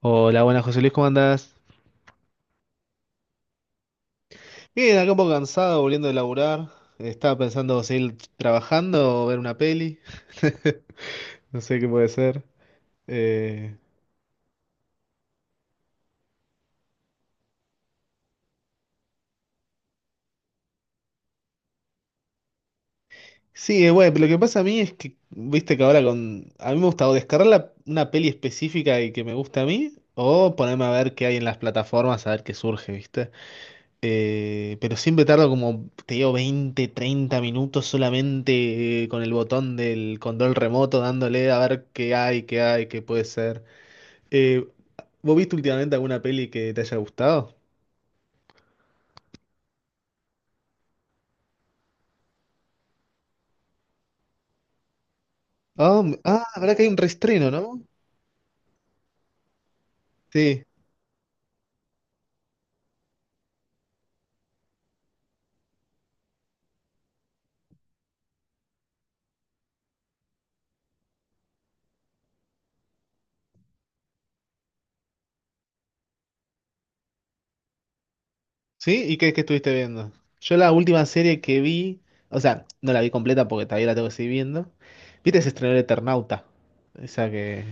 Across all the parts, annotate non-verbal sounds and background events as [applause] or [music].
Hola, buenas José Luis, ¿cómo andás? Bien, acá un poco cansado, volviendo de laburar. Estaba pensando seguir trabajando o ver una peli. [laughs] No sé qué puede ser. Eh, Sí, bueno, pero lo que pasa a mí es que, viste que ahora con. A mí me gusta o descargar una peli específica y que me gusta a mí, o ponerme a ver qué hay en las plataformas, a ver qué surge, ¿viste? Pero siempre tardo como, te digo, 20-30 minutos solamente con el botón del control remoto dándole a ver qué hay, qué hay, qué puede ser. Eh, ¿Vos viste últimamente alguna peli que te haya gustado? Ah, verdad que hay un reestreno, ¿no? Sí, sí, ¿y qué estuviste viendo? Yo la última serie que vi, o sea, no la vi completa porque todavía la tengo que seguir viendo. ¿Viste? Se estrenó el Eternauta. Esa que.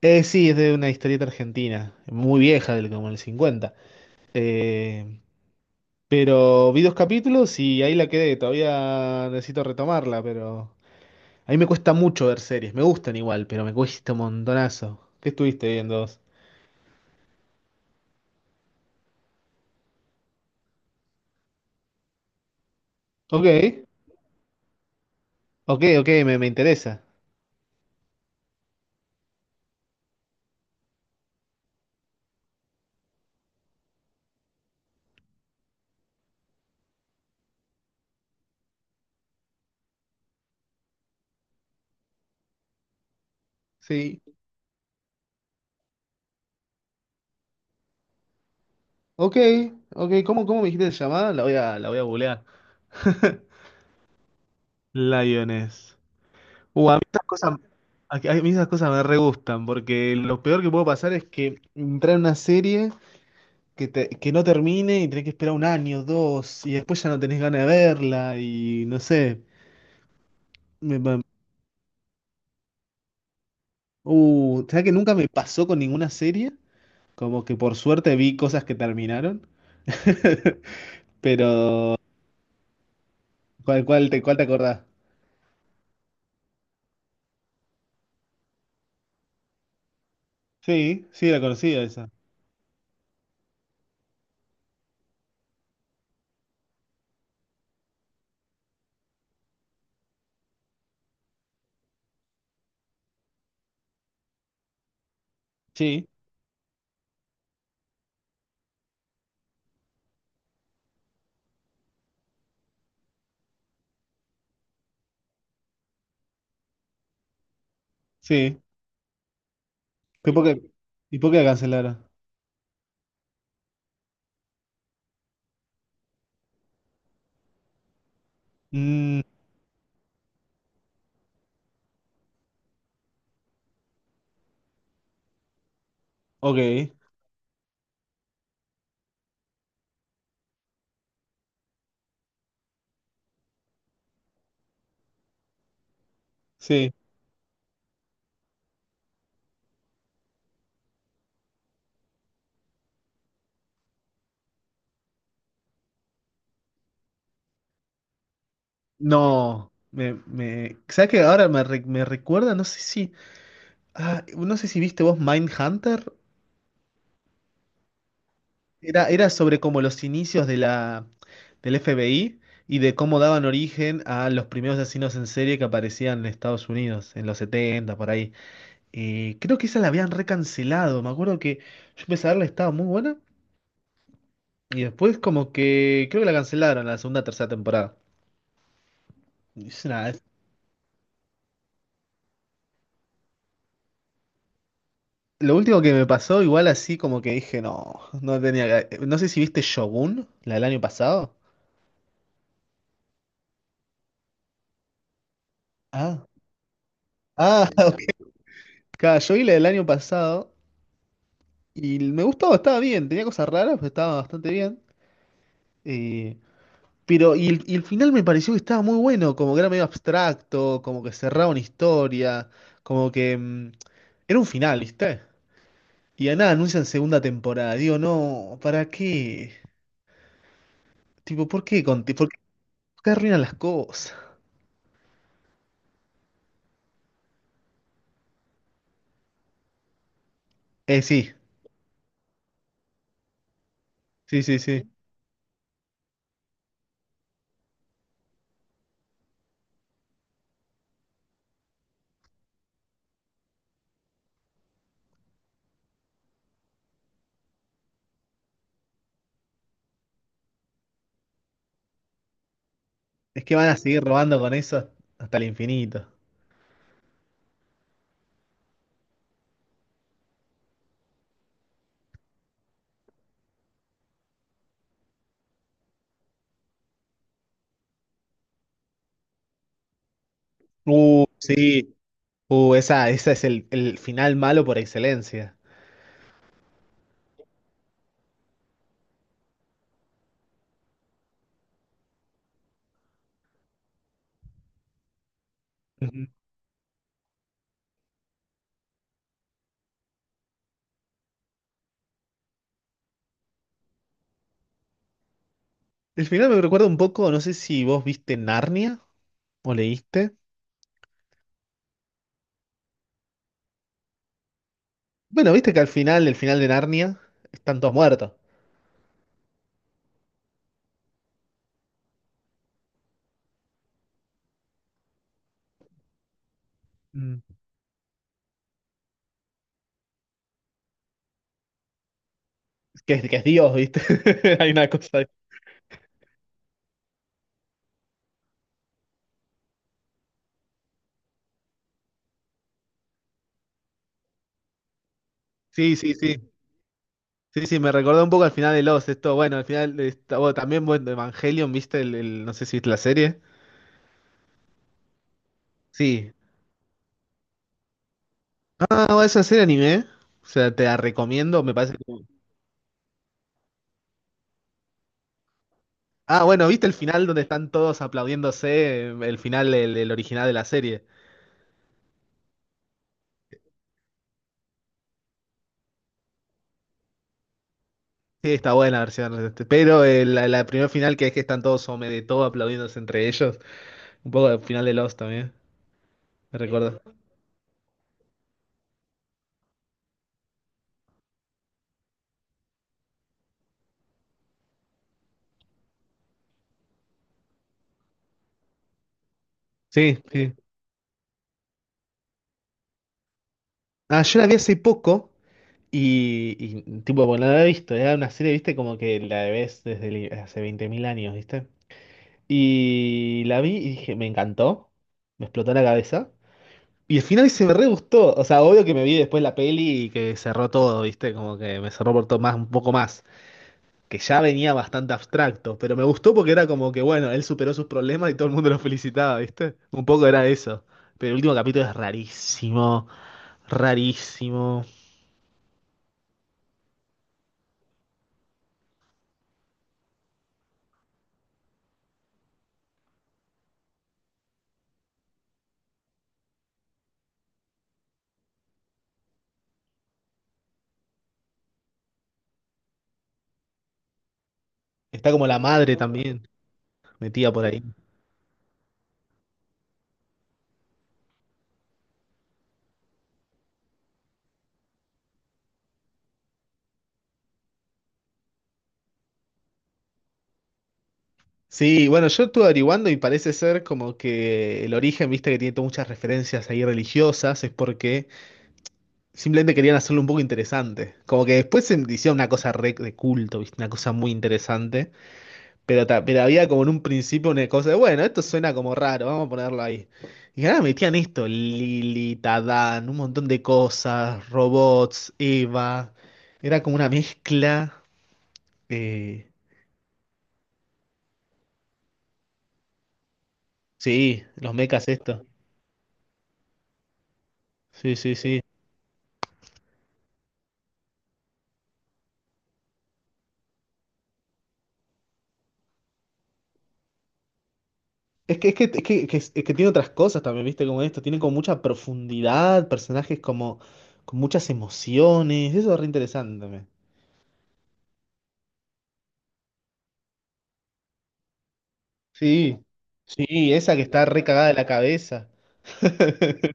Sí, es de una historieta argentina, muy vieja, del como el cincuenta. Eh, pero vi dos capítulos y ahí la quedé. Todavía necesito retomarla, pero a mí me cuesta mucho ver series. Me gustan igual, pero me cuesta un montonazo. ¿Qué estuviste viendo vos? Ok, ok, ok, me interesa. Sí. Ok, ok, ¿cómo me dijiste que se llamaba? La voy a googlear. [laughs] Lioness. Uh, a mí estas cosas, a mí esas cosas me re gustan, porque lo peor que puedo pasar es que entrar en una serie. Que no termine y tenés que esperar un año, dos, y después ya no tenés ganas de verla, y no sé. Me, me- ¿sabés que nunca me pasó con ninguna serie? Como que por suerte vi cosas que terminaron. [laughs] Pero, ¿cuál te acordás? Sí, sí, la conocía esa. Sí, sí. ¿Y por qué, y por qué la cancelaron? Mm, ok, sí. No, me, ¿sabes que ahora me recuerda? No sé si viste vos Mindhunter. Era sobre como los inicios del FBI y de cómo daban origen a los primeros asesinos en serie que aparecían en Estados Unidos, en los 70 por ahí. Creo que esa la habían recancelado. Me acuerdo que yo empecé a verla, estaba muy buena. Y después como que creo que la cancelaron la segunda, tercera temporada. Y es una- es- lo último que me pasó, igual así como que dije, no, no tenía. No sé si viste Shogun, la del año pasado. Ah, ah, [laughs] ok. Claro, yo vi la del año pasado. Y me gustaba, estaba bien, tenía cosas raras, pero estaba bastante bien. Eh, pero, y el final me pareció que estaba muy bueno, como que era medio abstracto, como que cerraba una historia, como que era un final, ¿viste? Y a nada anuncian segunda temporada. Digo, no, ¿para qué? Tipo, ¿por qué Conti? ¿Por qué arruinan las cosas? Sí, sí, sí, sí. Es que van a seguir robando con eso hasta el infinito. Sí. Esa es el final malo por excelencia. El final me recuerda un poco, no sé si vos viste Narnia o leíste. Bueno, viste que al final, el final de Narnia, están todos muertos. Mm. Que es Dios, ¿viste? [laughs] Hay una cosa ahí. Sí, sí, sí. Sí, sí, me recordó un poco al final de los, esto, bueno, al final de bueno, también bueno, Evangelion, ¿viste? No sé si viste la serie. Sí. Ah, bueno, esa serie anime. ¿Eh? O sea, te la recomiendo, me parece. Ah, bueno, ¿viste el final donde están todos aplaudiéndose? El final, el original de la serie. Sí, está buena la versión, este, pero la primera final que es que están todos sobre de todo aplaudiéndose entre ellos. Un poco del final de Lost también, me recuerdo. Sí, sí. Ah, yo la vi hace poco y, tipo, bueno, no la he visto. Era una serie, viste, como que la ves desde hace 20.000 años, viste. Y la vi y dije, me encantó. Me explotó la cabeza. Y el final se me re gustó. O sea, obvio que me vi después la peli y que cerró todo, viste, como que me cerró por todo más, un poco más. Que ya venía bastante abstracto, pero me gustó porque era como que, bueno, él superó sus problemas y todo el mundo lo felicitaba, ¿viste? Un poco era eso. Pero el último capítulo es rarísimo, rarísimo. Está como la madre también, metida por ahí. Sí, bueno, yo estuve averiguando y parece ser como que el origen, viste, que tiene todas muchas referencias ahí religiosas, es porque simplemente querían hacerlo un poco interesante. Como que después se hicieron una cosa re de culto, viste, una cosa muy interesante. Pero, pero había como en un principio una cosa de, bueno, esto suena como raro, vamos a ponerlo ahí. Y ahora metían esto, Lili, Tadán, un montón de cosas, robots, Eva. Era como una mezcla. eh, sí, los mechas esto. Sí, sí, sí. Es que, es que- es que tiene otras cosas también, ¿viste? Como esto, tiene como mucha profundidad, personajes como con muchas emociones. Eso es re interesante también. Sí, sí, esa que está re cagada de la cabeza. [laughs]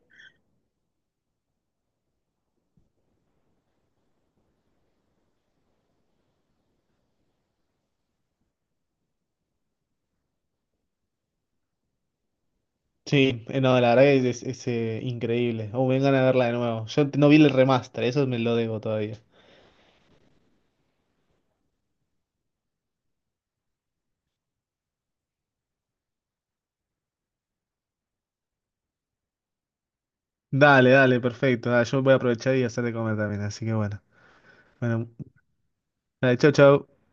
Sí, no, la verdad que es increíble. Oh, vengan a verla de nuevo. Yo no vi el remaster, eso me lo debo todavía. Dale, dale, perfecto. Dale, yo voy a aprovechar y hacer de comer también, así que bueno. Bueno, dale, chau, chau.